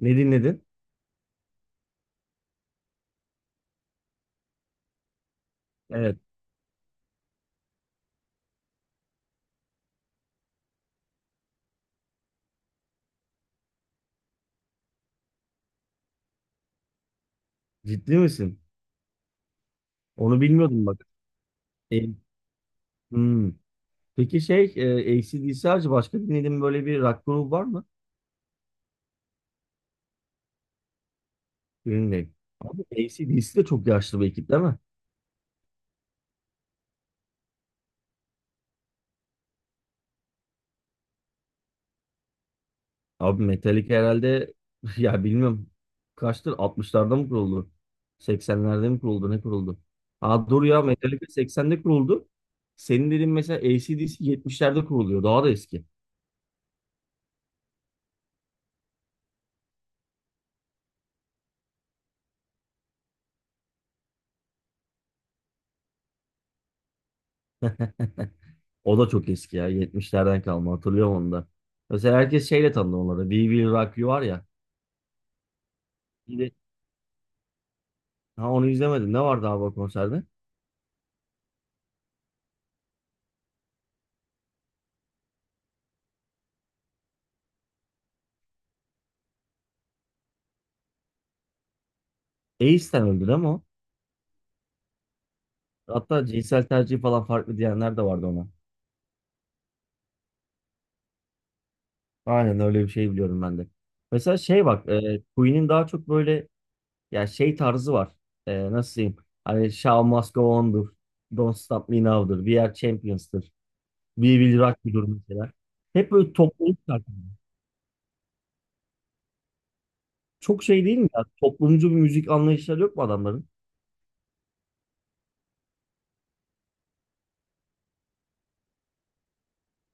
Ne dinledin? Evet. Ciddi misin? Onu bilmiyordum bak. E, hmm. Peki şey AC/DC harici başka dinlediğin böyle bir rock grubu var mı? Green Day. Abi AC/DC de çok yaşlı bir ekip değil mi? Abi Metallica herhalde ya bilmiyorum kaçtır 60'larda mı kuruldu? 80'lerde mi kuruldu? Ne kuruldu? Ha dur ya Metallica 80'de kuruldu. Senin dediğin mesela AC/DC 70'lerde kuruluyor. Daha da eski. O da çok eski ya. 70'lerden kalma. Hatırlıyorum onu da. Mesela herkes şeyle tanıdı onları. We Will Rock You var ya. Şimdi, ha onu izlemedim. Ne vardı abi o konserde? Ace'ten öldü değil mi o? Hatta cinsel tercih falan farklı diyenler de vardı ona. Aynen öyle bir şey biliyorum ben de. Mesela şey bak. Queen'in daha çok böyle ya şey tarzı var. Nasıl diyeyim? Hani Show Must Go On'dur. Don't Stop Me Now'dur. We Are Champions'tır. We Will Rock You'dur mesela. Hep böyle toplayıp şarkı. Çok şey değil mi ya? Toplumcu bir müzik anlayışları yok mu adamların?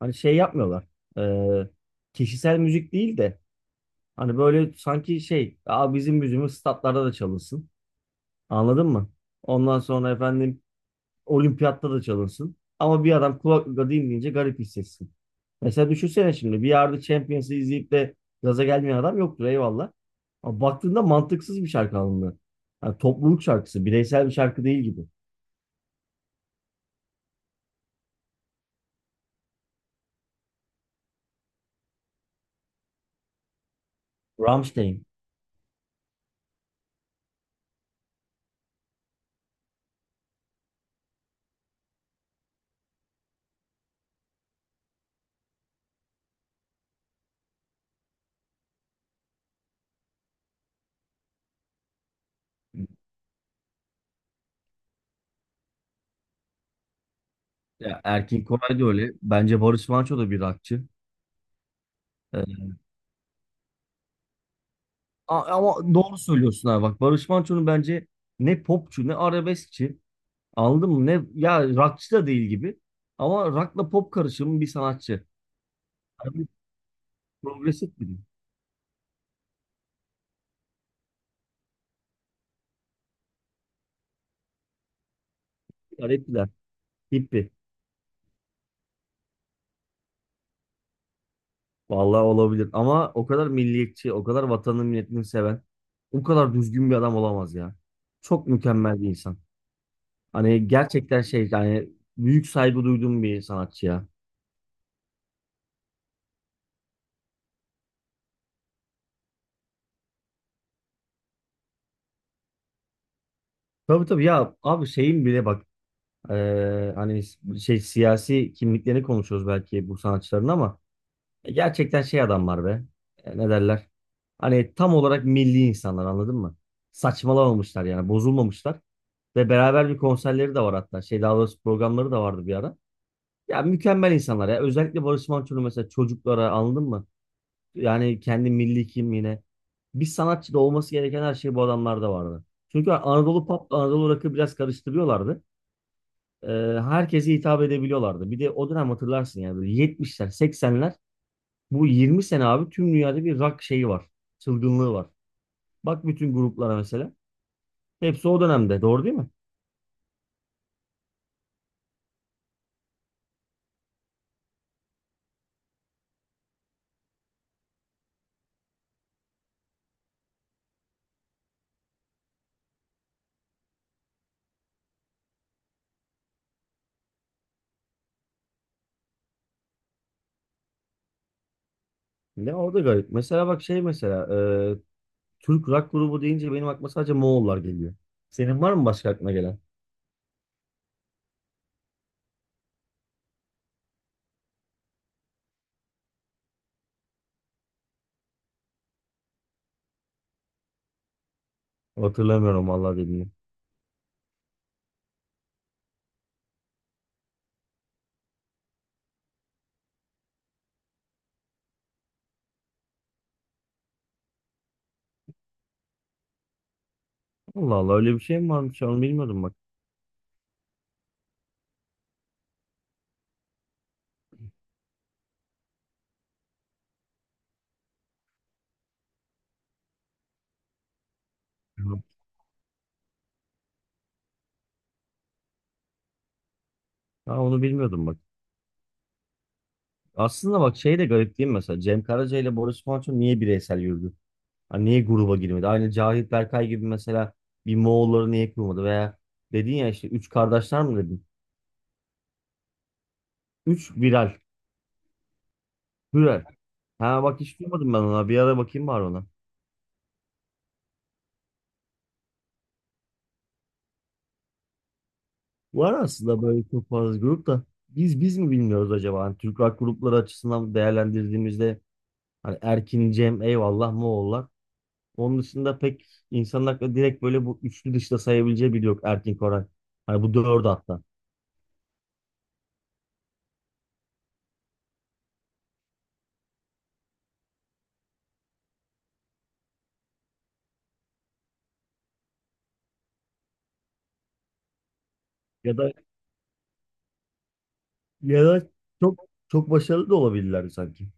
Hani şey yapmıyorlar. Ee, Kişisel müzik değil de hani böyle sanki şey, Aa, bizim müziğimiz statlarda da çalınsın. Anladın mı? Ondan sonra efendim olimpiyatta da çalınsın. Ama bir adam kulaklıkla dinleyince garip hissetsin. Mesela düşünsene şimdi bir yerde Champions'ı izleyip de gaza gelmeyen adam yoktur eyvallah. Ama baktığında mantıksız bir şarkı alındı. Yani topluluk şarkısı, bireysel bir şarkı değil gibi. Rammstein. Ya Erkin Koray da öyle. Bence Barış Manço da bir rockçı. Ee, ama doğru söylüyorsun abi. Bak Barış Manço'nun bence ne popçu ne arabeskçi. Anladın mı? Ne ya rockçı da değil gibi. Ama rockla pop karışımı bir sanatçı. Abi progresif biri. Garipler. Hippi. Vallahi olabilir. Ama o kadar milliyetçi, o kadar vatanını milletini seven, o kadar düzgün bir adam olamaz ya. Çok mükemmel bir insan. Hani gerçekten şey yani büyük saygı duyduğum bir sanatçı ya. Tabii tabii ya abi şeyin bile bak hani şey siyasi kimliklerini konuşuyoruz belki bu sanatçıların ama gerçekten şey adamlar be. Ne derler hani tam olarak milli insanlar anladın mı? Saçmalamamışlar yani bozulmamışlar ve beraber bir konserleri de var hatta şey daha doğrusu programları da vardı bir ara. Ya mükemmel insanlar ya özellikle Barış Manço'nun mesela çocuklara anladın mı? Yani kendi milli kimliğine bir sanatçıda olması gereken her şey bu adamlarda vardı. Çünkü Anadolu pop Anadolu rock'ı biraz karıştırıyorlardı e, herkese hitap edebiliyorlardı. Bir de o dönem hatırlarsın yani böyle 70'ler, 80'ler bu 20 sene abi tüm dünyada bir rock şeyi var. Çılgınlığı var. Bak bütün gruplara mesela. Hepsi o dönemde. Doğru değil mi? Ne orada garip. Mesela bak şey mesela e, Türk rock grubu deyince benim aklıma sadece Moğollar geliyor. Senin var mı başka aklına gelen? Hatırlamıyorum vallahi dediğini. Allah Allah öyle bir şey mi varmış? Onu bilmiyordum bak. Ha, onu bilmiyordum bak. Aslında bak şey de garip değil mi mesela? Cem Karaca ile Boris Manço niye bireysel yürüdü? Hani niye gruba girmedi? Aynı Cahit Berkay gibi mesela bir Moğolları niye kurmadı? Veya dedin ya işte üç kardeşler mi dedin? Üç viral. Viral. Ha bak hiç duymadım ben ona. Bir ara bakayım var ona. Var aslında böyle çok fazla grup da biz mi bilmiyoruz acaba? Hani Türk rock grupları açısından değerlendirdiğimizde hani Erkin, Cem, eyvallah Moğollar. Onun dışında pek insanın aklına direkt böyle bu üçlü dışta sayabileceği biri yok Erkin Koray. Hani bu dördü hatta. Ya da ya da çok çok başarılı da olabilirler sanki.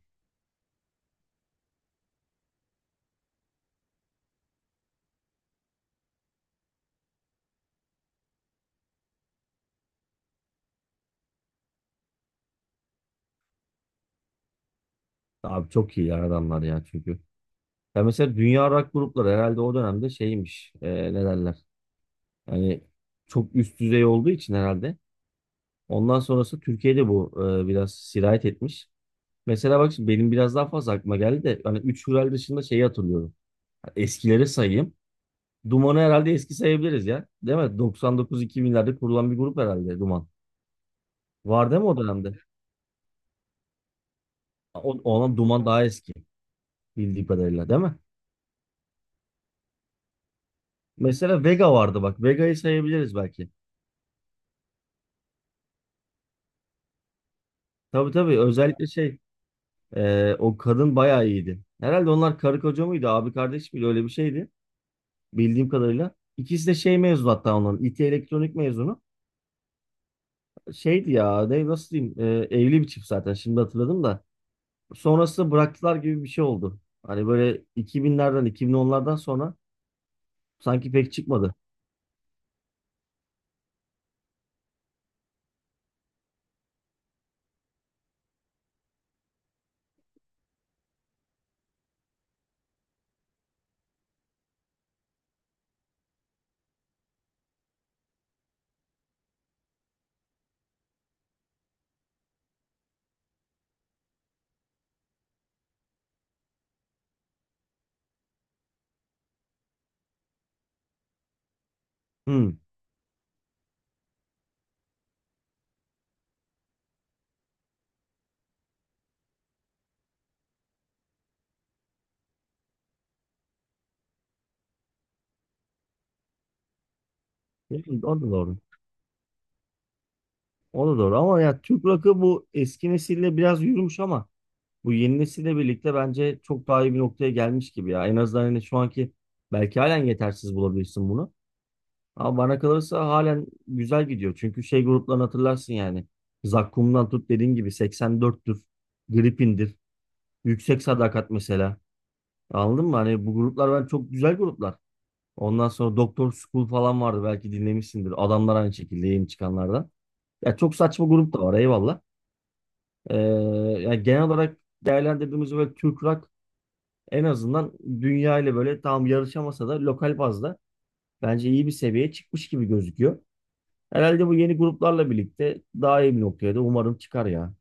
Abi çok iyi ya adamlar ya çünkü. Ya mesela dünya rock grupları herhalde o dönemde şeymiş. Ne derler? Yani çok üst düzey olduğu için herhalde. Ondan sonrası Türkiye'de bu biraz sirayet etmiş. Mesela bak şimdi benim biraz daha fazla aklıma geldi de hani 3 Hürel dışında şeyi hatırlıyorum. Eskileri sayayım. Duman'ı herhalde eski sayabiliriz ya. Değil mi? 99-2000'lerde kurulan bir grup herhalde Duman. Var değil mi o dönemde? Olan Duman daha eski bildiğim kadarıyla değil mi? Mesela Vega vardı bak. Vega'yı sayabiliriz belki. Tabii tabii özellikle şey o kadın bayağı iyiydi. Herhalde onlar karı koca mıydı abi kardeş miydi öyle bir şeydi bildiğim kadarıyla. İkisi de şey mezunu hatta onların İT elektronik mezunu. Şeydi ya ne, nasıl diyeyim evli bir çift zaten şimdi hatırladım da. Sonrasında bıraktılar gibi bir şey oldu. Hani böyle 2000'lerden 2010'lardan sonra sanki pek çıkmadı. Hmm. O da doğru. O da doğru ama ya Türk rock'ı bu eski nesille biraz yürümüş ama bu yeni nesille birlikte bence çok daha iyi bir noktaya gelmiş gibi ya. En azından hani şu anki belki halen yetersiz bulabilirsin bunu. Ama bana kalırsa halen güzel gidiyor. Çünkü şey gruplarını hatırlarsın yani. Zakkum'dan tut dediğin gibi 84'tür. Gripin'dir. Yüksek Sadakat mesela. Anladın mı? Hani bu gruplar ben çok güzel gruplar. Ondan sonra Doktor School falan vardı. Belki dinlemişsindir. Adamlar aynı şekilde yeni çıkanlardan. Ya çok saçma grup da var eyvallah. Ee, Yani genel olarak değerlendirdiğimiz böyle Türk rock en azından dünya ile böyle tam yarışamasa da lokal bazda bence iyi bir seviyeye çıkmış gibi gözüküyor. Herhalde bu yeni gruplarla birlikte daha iyi bir noktaya da umarım çıkar ya.